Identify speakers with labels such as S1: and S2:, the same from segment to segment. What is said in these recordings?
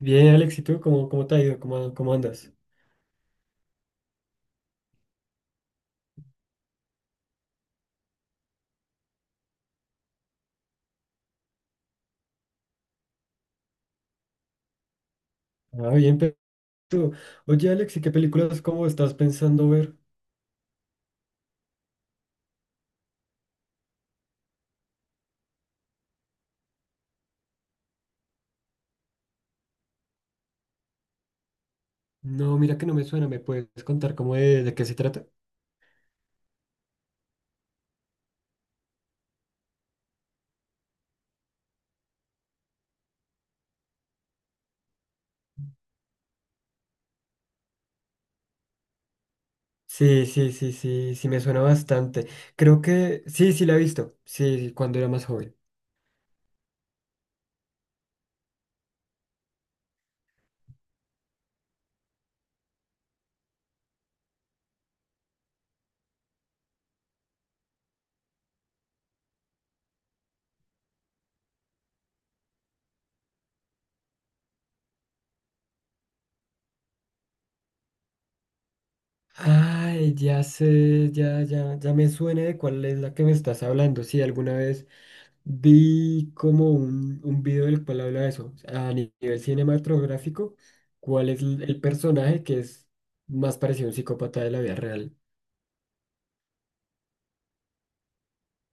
S1: Bien, Alex, ¿y tú cómo te ha ido? ¿Cómo andas? Ah, bien, pero tú. Oye, Alex, ¿y qué películas cómo estás pensando ver? No, mira que no me suena, ¿me puedes contar cómo de qué se trata? Sí, sí, sí, sí, sí, me suena bastante. Creo que sí, sí la he visto, sí, cuando era más joven. Ay, ya sé, ya, ya, ya me suena de cuál es la que me estás hablando. Sí, alguna vez. Vi como un video del cual habla de eso, a nivel cinematográfico, cuál es el personaje que es más parecido a un psicópata de la vida real.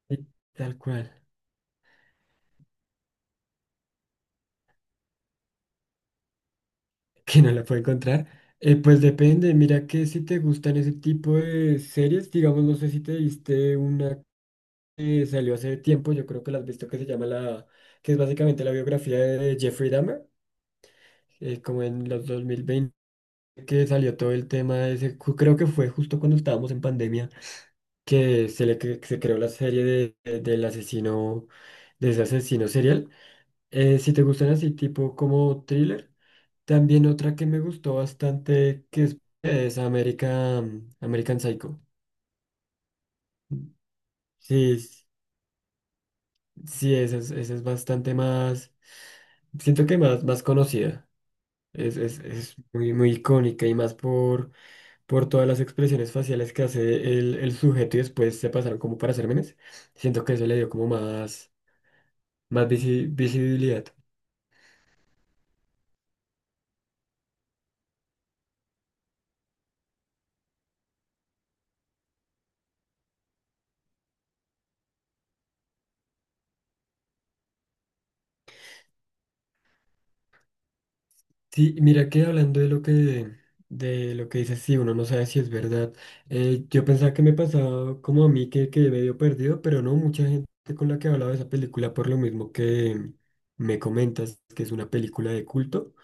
S1: Y tal cual, que no la puedo encontrar. Pues depende, mira que si te gustan ese tipo de series, digamos, no sé si te viste una que salió hace tiempo, yo creo que la has visto, que se llama la, que es básicamente la biografía de Jeffrey Dahmer, como en los 2020 que salió todo el tema de ese, creo que fue justo cuando estábamos en pandemia. Que se creó la serie de, del asesino, de ese asesino serial. Si te gustan así, tipo como thriller. También otra que me gustó bastante, que es American Psycho. Sí, sí, esa es bastante más, siento que más conocida. Es muy, muy icónica y más por todas las expresiones faciales que hace el sujeto y después se pasaron como para hacer memes. Siento que eso le dio como más visibilidad. Sí, mira que hablando de lo que dices, sí, uno no sabe si es verdad. Yo pensaba que me pasaba como a mí que quedé medio perdido, pero no, mucha gente con la que he hablado de esa película, por lo mismo que me comentas que es una película de culto,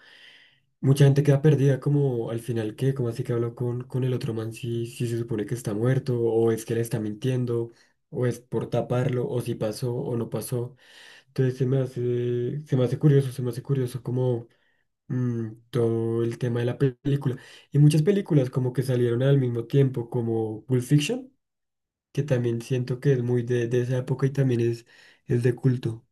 S1: mucha gente queda perdida como al final qué cómo así que habló con el otro man si, si se supone que está muerto, o es que le está mintiendo, o es por taparlo, o si pasó o no pasó. Entonces se me hace curioso como todo el tema de la película. Y muchas películas como que salieron al mismo tiempo, como Pulp Fiction, que también siento que es muy de esa época y también es de culto.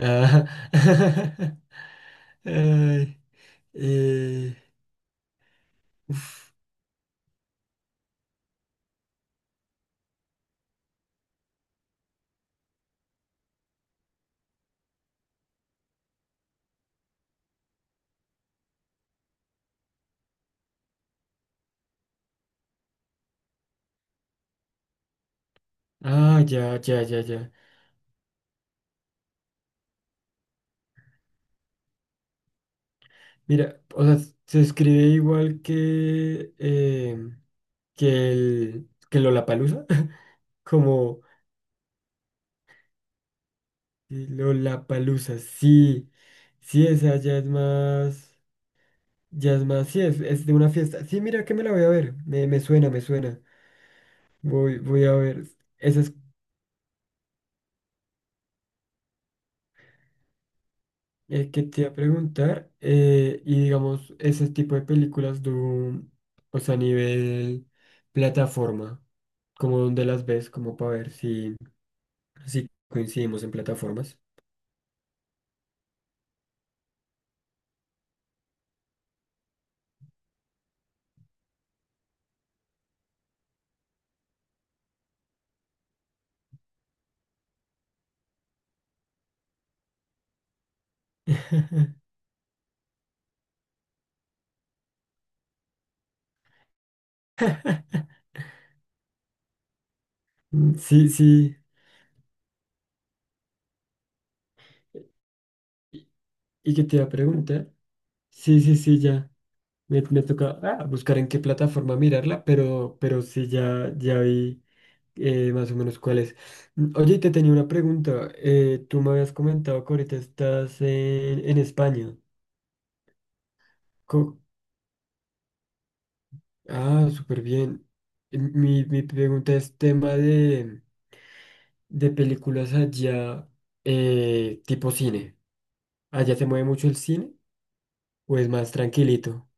S1: Ah, ay, eh, uf. Ah, ya, ya, ya, ya. Mira, o sea, se escribe igual que el que Lollapalooza, como Lollapalooza, sí, sí, esa ya es más. Ya es más, sí, es de una fiesta. Sí, mira que me la voy a ver. Me suena. Voy a ver. Esa es, que te iba a preguntar. Y digamos, ese tipo de películas, o sea, a nivel plataforma, como donde las ves, como para ver si, si coincidimos en plataformas. Sí, sí. ¿Y que te iba a preguntar? Sí, sí, sí, ya. Me toca buscar en qué plataforma mirarla, pero sí, ya, ya vi. Más o menos cuáles. Oye, y te tenía una pregunta. Tú me habías comentado que ahorita estás en España. Co- Súper bien. Mi pregunta es tema de películas allá, tipo cine. ¿Allá se mueve mucho el cine o es más tranquilito?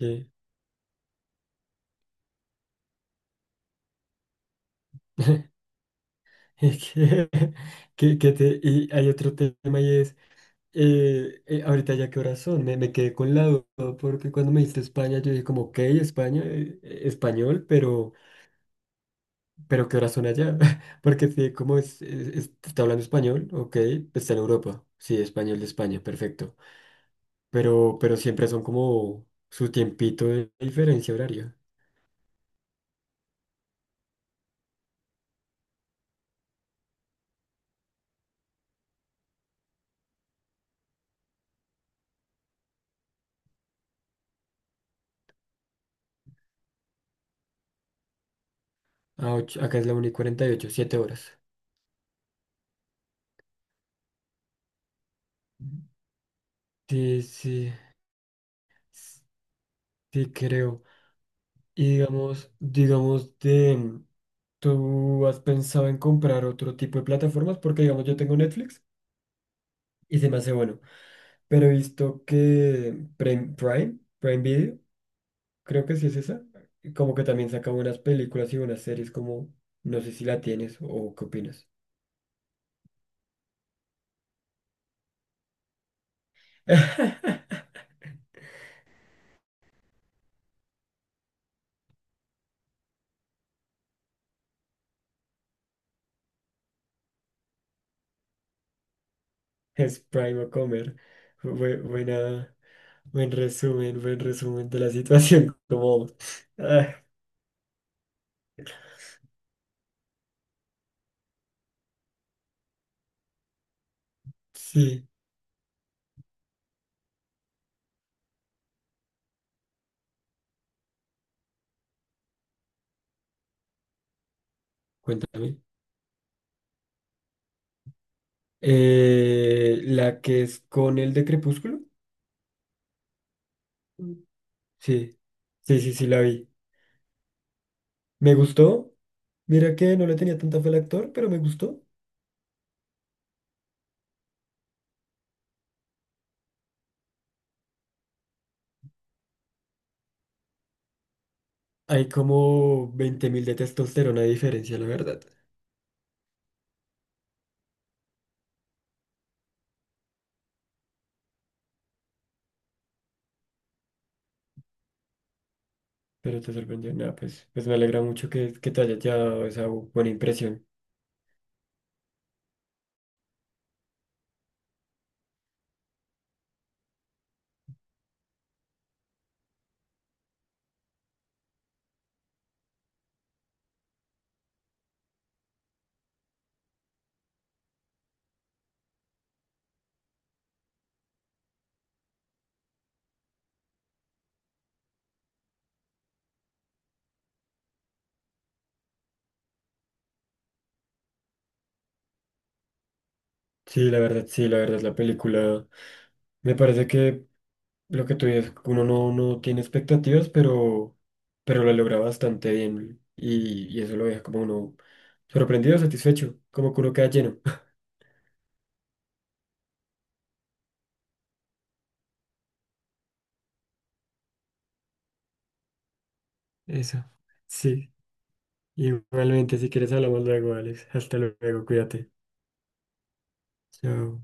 S1: Eh, es que y hay otro tema y es. Ahorita ya qué horas son, me quedé con la duda porque cuando me dijiste España yo dije como, ok, España, español, pero ¿qué horas son allá? Porque sí, como está hablando español, ok, pues está en Europa, sí, español de España, perfecto, pero siempre son como su tiempito de diferencia horaria. Ah, acá es la 1 y cuarenta y ocho siete horas. Sí, sí, sí creo. Y digamos ¿tú has pensado en comprar otro tipo de plataformas? Porque, digamos, yo tengo Netflix y se me hace bueno. Pero he visto que Prime Video, creo que sí es esa, como que también saca buenas películas y buenas series, como no sé si la tienes o qué opinas. Es Prime o Comer. Buena, buen resumen de la situación. Como, vamos. Ah, sí, cuéntame. La que es con el de Crepúsculo. Sí, sí, sí, sí, la vi. Me gustó. Mira que no le tenía tanta fe al actor, pero me gustó. Hay como 20.000 de testosterona de diferencia, la verdad. Pero te sorprendió. Nada, pues me alegra mucho que te haya dado esa buena impresión. Sí, la verdad, la película. Me parece que lo que tú dices, uno no tiene expectativas, pero lo logra bastante bien. Y eso lo deja como uno sorprendido, satisfecho, como que uno queda lleno. Eso. Sí. Igualmente, si quieres hablamos luego, Alex. Hasta luego, cuídate. Chao.